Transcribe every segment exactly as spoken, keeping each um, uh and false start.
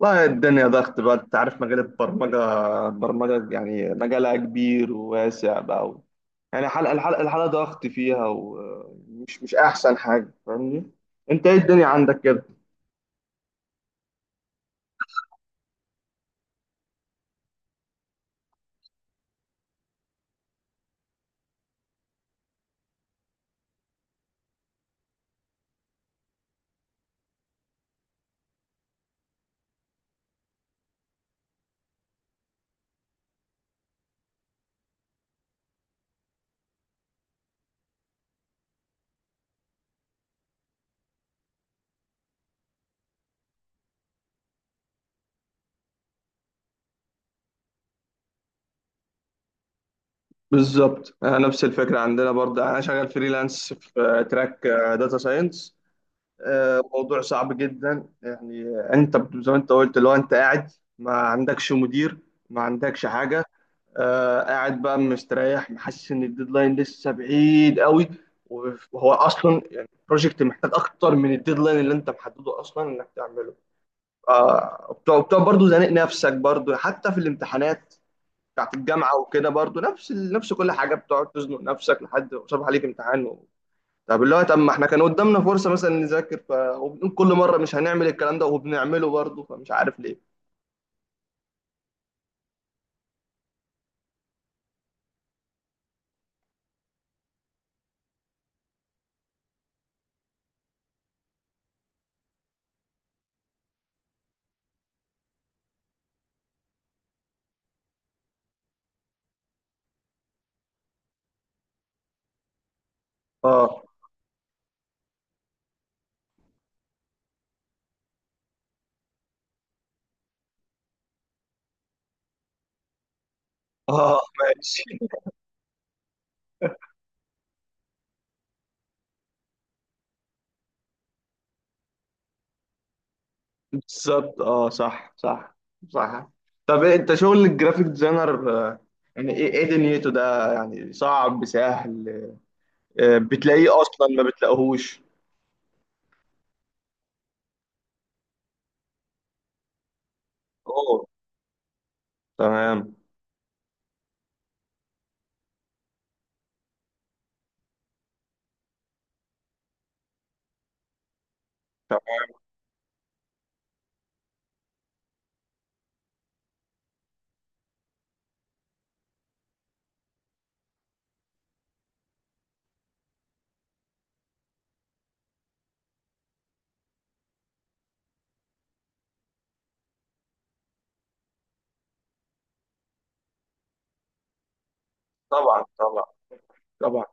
والله الدنيا ضغط بقى، انت عارف مجال البرمجة البرمجة يعني مجالها كبير وواسع بقى و... يعني حلقة الحلقة الحلقة ضغط فيها، ومش مش أحسن حاجة. فاهمني؟ أنت إيه الدنيا عندك كده؟ بالظبط. آه، نفس الفكرة عندنا برضه. يعني أنا شغال فريلانس في آه، تراك آه، داتا ساينس. آه، موضوع صعب جدا. يعني آه، أنت بت- زي ما أنت قلت، لو أنت قاعد ما عندكش مدير، ما عندكش حاجة. آه قاعد بقى مستريح، محسس ان الديدلاين لسه بعيد قوي، وهو اصلا يعني بروجكت محتاج اكتر من الديدلاين اللي انت محدده اصلا انك تعمله. آه وبتقعد وبتقعد برضه زانق نفسك برضه، حتى في الامتحانات بتاعت الجامعه وكده. برضه نفس ال- نفس كل حاجه، بتقعد تزنق نفسك لحد ما صبح عليك امتحان و... طب اللي هو، طب ما احنا كان قدامنا فرصه مثلا نذاكر ف... وبنقول كل مره مش هنعمل الكلام ده وبنعمله برضه، فمش عارف ليه. اه. اه. ماشي. بالظبط، اه، صح، صح، صح. طب إيه، انت شغل الجرافيك ديزاينر، آه، يعني ايه ايه دنيته ده؟ يعني صعب سهل؟ آه، بتلاقيه اصلا ما بتلاقيهوش؟ اوه. تمام. تمام. طبعا، طبعا، طبعا.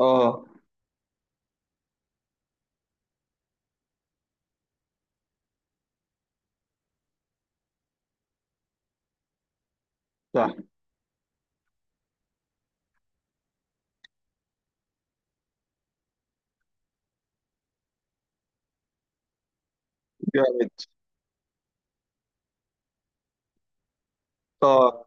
اه، صح. جامد. اه.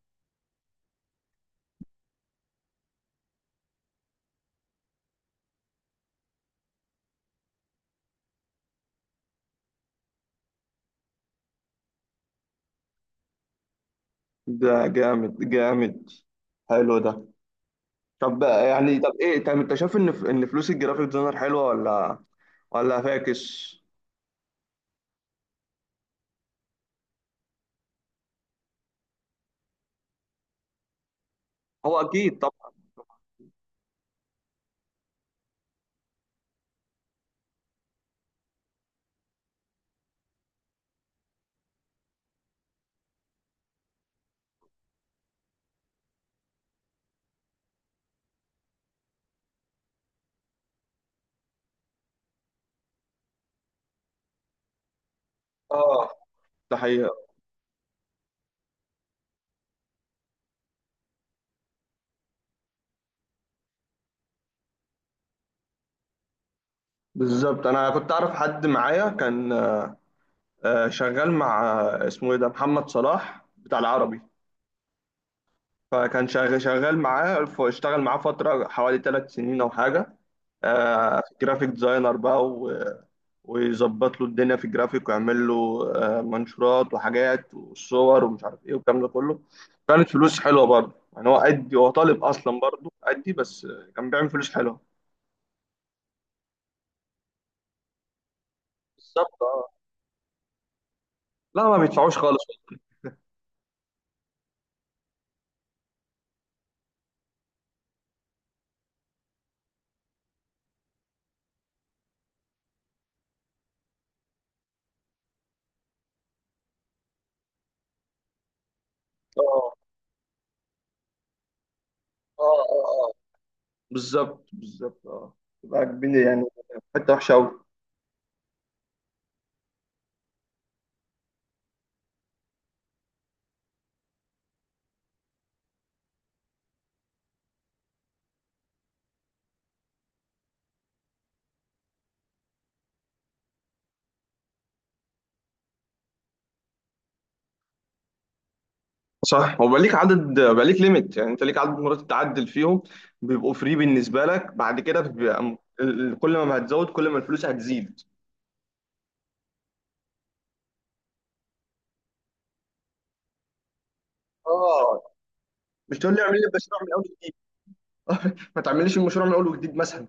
ده جامد، جامد. حلو ده. طب بقى يعني، طب ايه، طب انت شايف ان ف- ان فلوس الجرافيك ديزاينر حلوه، ولا ولا فاكس؟ هو اكيد طبعا. اه، ده حقيقة. بالظبط. انا كنت اعرف حد معايا كان آه، شغال مع آه، اسمه ايه ده، محمد صلاح بتاع العربي. فكان شغال شغال معاه، فاشتغل معاه فتره حوالي ثلاث سنين او حاجه. آه، جرافيك ديزاينر بقى و- ويظبط له الدنيا في الجرافيك ويعمل له آه، منشورات وحاجات وصور ومش عارف ايه والكلام ده كله. كانت فلوس حلوه برضه، يعني هو قدي، هو طالب اصلا برضه قدي، بس آه، كان بيعمل فلوس حلوه. بالظبط، اه. لا، ما بيدفعوش خالص. اه، اه، اه. بالظبط، بالظبط، اه، تبقى كبيرة يعني. حتة وحشة أوي. صح. وبقى ليك عدد، بقى ليك ليميت، يعني انت ليك عدد مرات تعدل فيهم بيبقوا فري بالنسبه لك، بعد كده بيبقى م- ال- كل ما هتزود كل ما الفلوس هتزيد. اه، مش تقول لي اعمل لي المشروع من أول جديد. ما تعمليش المشروع من اول وجديد مثلا.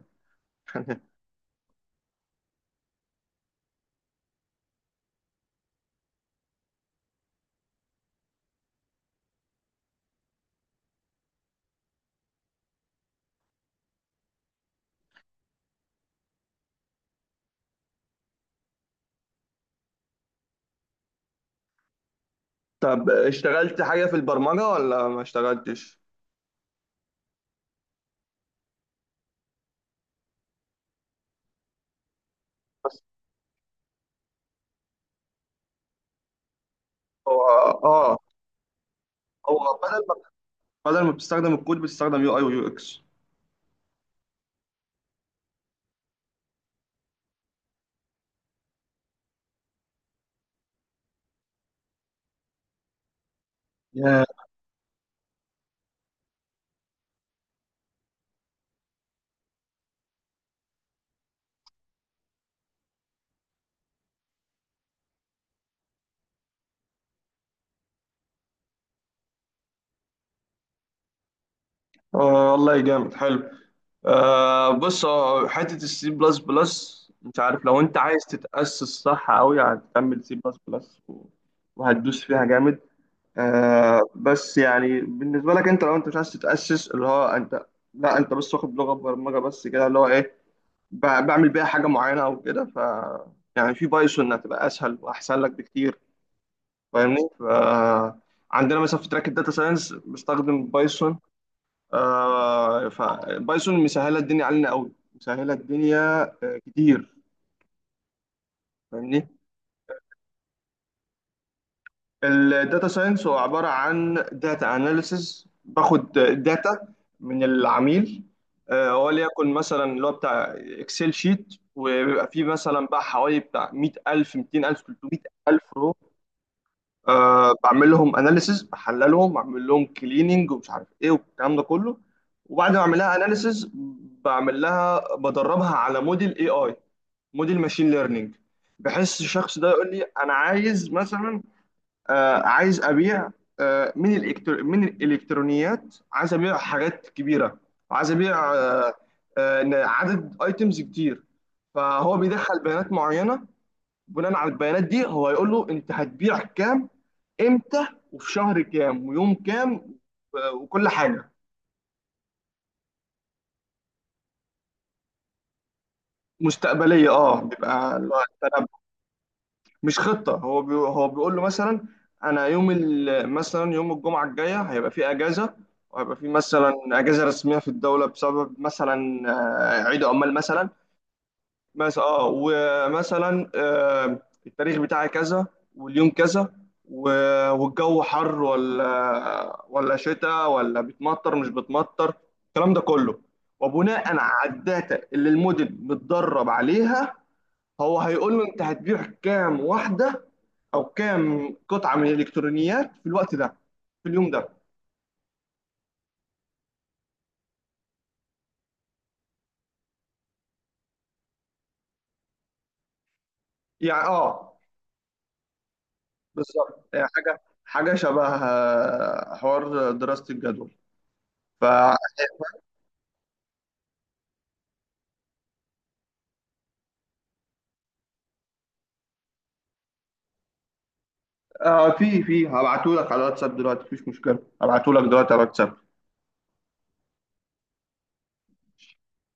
طب اشتغلت حاجه في البرمجه ولا ما اشتغلتش؟ هو اه هو بدل ما بدل ما بتستخدم الكود بتستخدم يو اي ويو اكس. آه والله جامد، حلو. آه بص، هو حته السي بلس بلس، انت عارف لو انت عايز تتاسس صح قوي هتكمل سي بلس بلس وهتدوس فيها جامد. آه بس يعني بالنسبه لك انت، لو انت مش عايز تتاسس اللي هو انت، لا انت بس واخد لغه برمجه بس كده اللي هو ايه، ب- بعمل بيها حاجه معينه او كده، ف يعني في بايثون هتبقى اسهل واحسن لك بكتير. فاهمني؟ ف عندنا مثلا في تراك الداتا ساينس بستخدم بايثون. آه فبايثون مسهله الدنيا علينا قوي، مسهله الدنيا آه كتير. فاهمني؟ الداتا ساينس هو عباره عن داتا اناليسز. باخد داتا من العميل، آه وليكن مثلا اللي هو بتاع اكسل شيت، وبيبقى فيه مثلا بقى حوالي بتاع مية ألف مئتين ألف ثلاثمائة ألف رو. آه بعمل لهم اناليسز، بحللهم، بعمل لهم كليننج، ومش عارف ايه والكلام ده كله. وبعد ما اعمل لها اناليسز بعمل لها، بدربها على موديل اي اي، موديل ماشين ليرنينج. بحس الشخص ده يقول لي، انا عايز مثلا آه عايز ابيع، آه من الإلكتر... من الالكترونيات، عايز ابيع حاجات كبيره، وعايز ابيع آه آه ن- عدد ايتمز كتير. فهو بيدخل بيانات معينه، بناء على البيانات دي هو يقول له انت هتبيع كام، امتى، وفي شهر كام، ويوم كام و- وكل حاجه. مستقبليه، اه، بيبقى اللي هو مش خطة. هو بي... هو بيقول له مثلا، أنا يوم ال... مثلا يوم الجمعة الجاية هيبقى في أجازة، وهيبقى في مثلا أجازة رسمية في الدولة بسبب مثلا آه، عيد عمال مثلا. مثلا اه، ومثلا آه، التاريخ بتاعي كذا، واليوم كذا و... والجو حر ولا، ولا شتاء، ولا بتمطر مش بتمطر، الكلام ده كله. وبناء على الداتا اللي الموديل متدرب عليها، هو هيقول له انت هتبيع كام واحدة او كام قطعه من الالكترونيات في الوقت ده، في اليوم ده. يعني اه. بالظبط، يعني حاجه، حاجه شبه آه، حوار دراسه الجدول. ف آه، في في هبعته لك على الواتساب دلوقتي، مفيش مشكله، هبعته لك دلوقتي على الواتساب.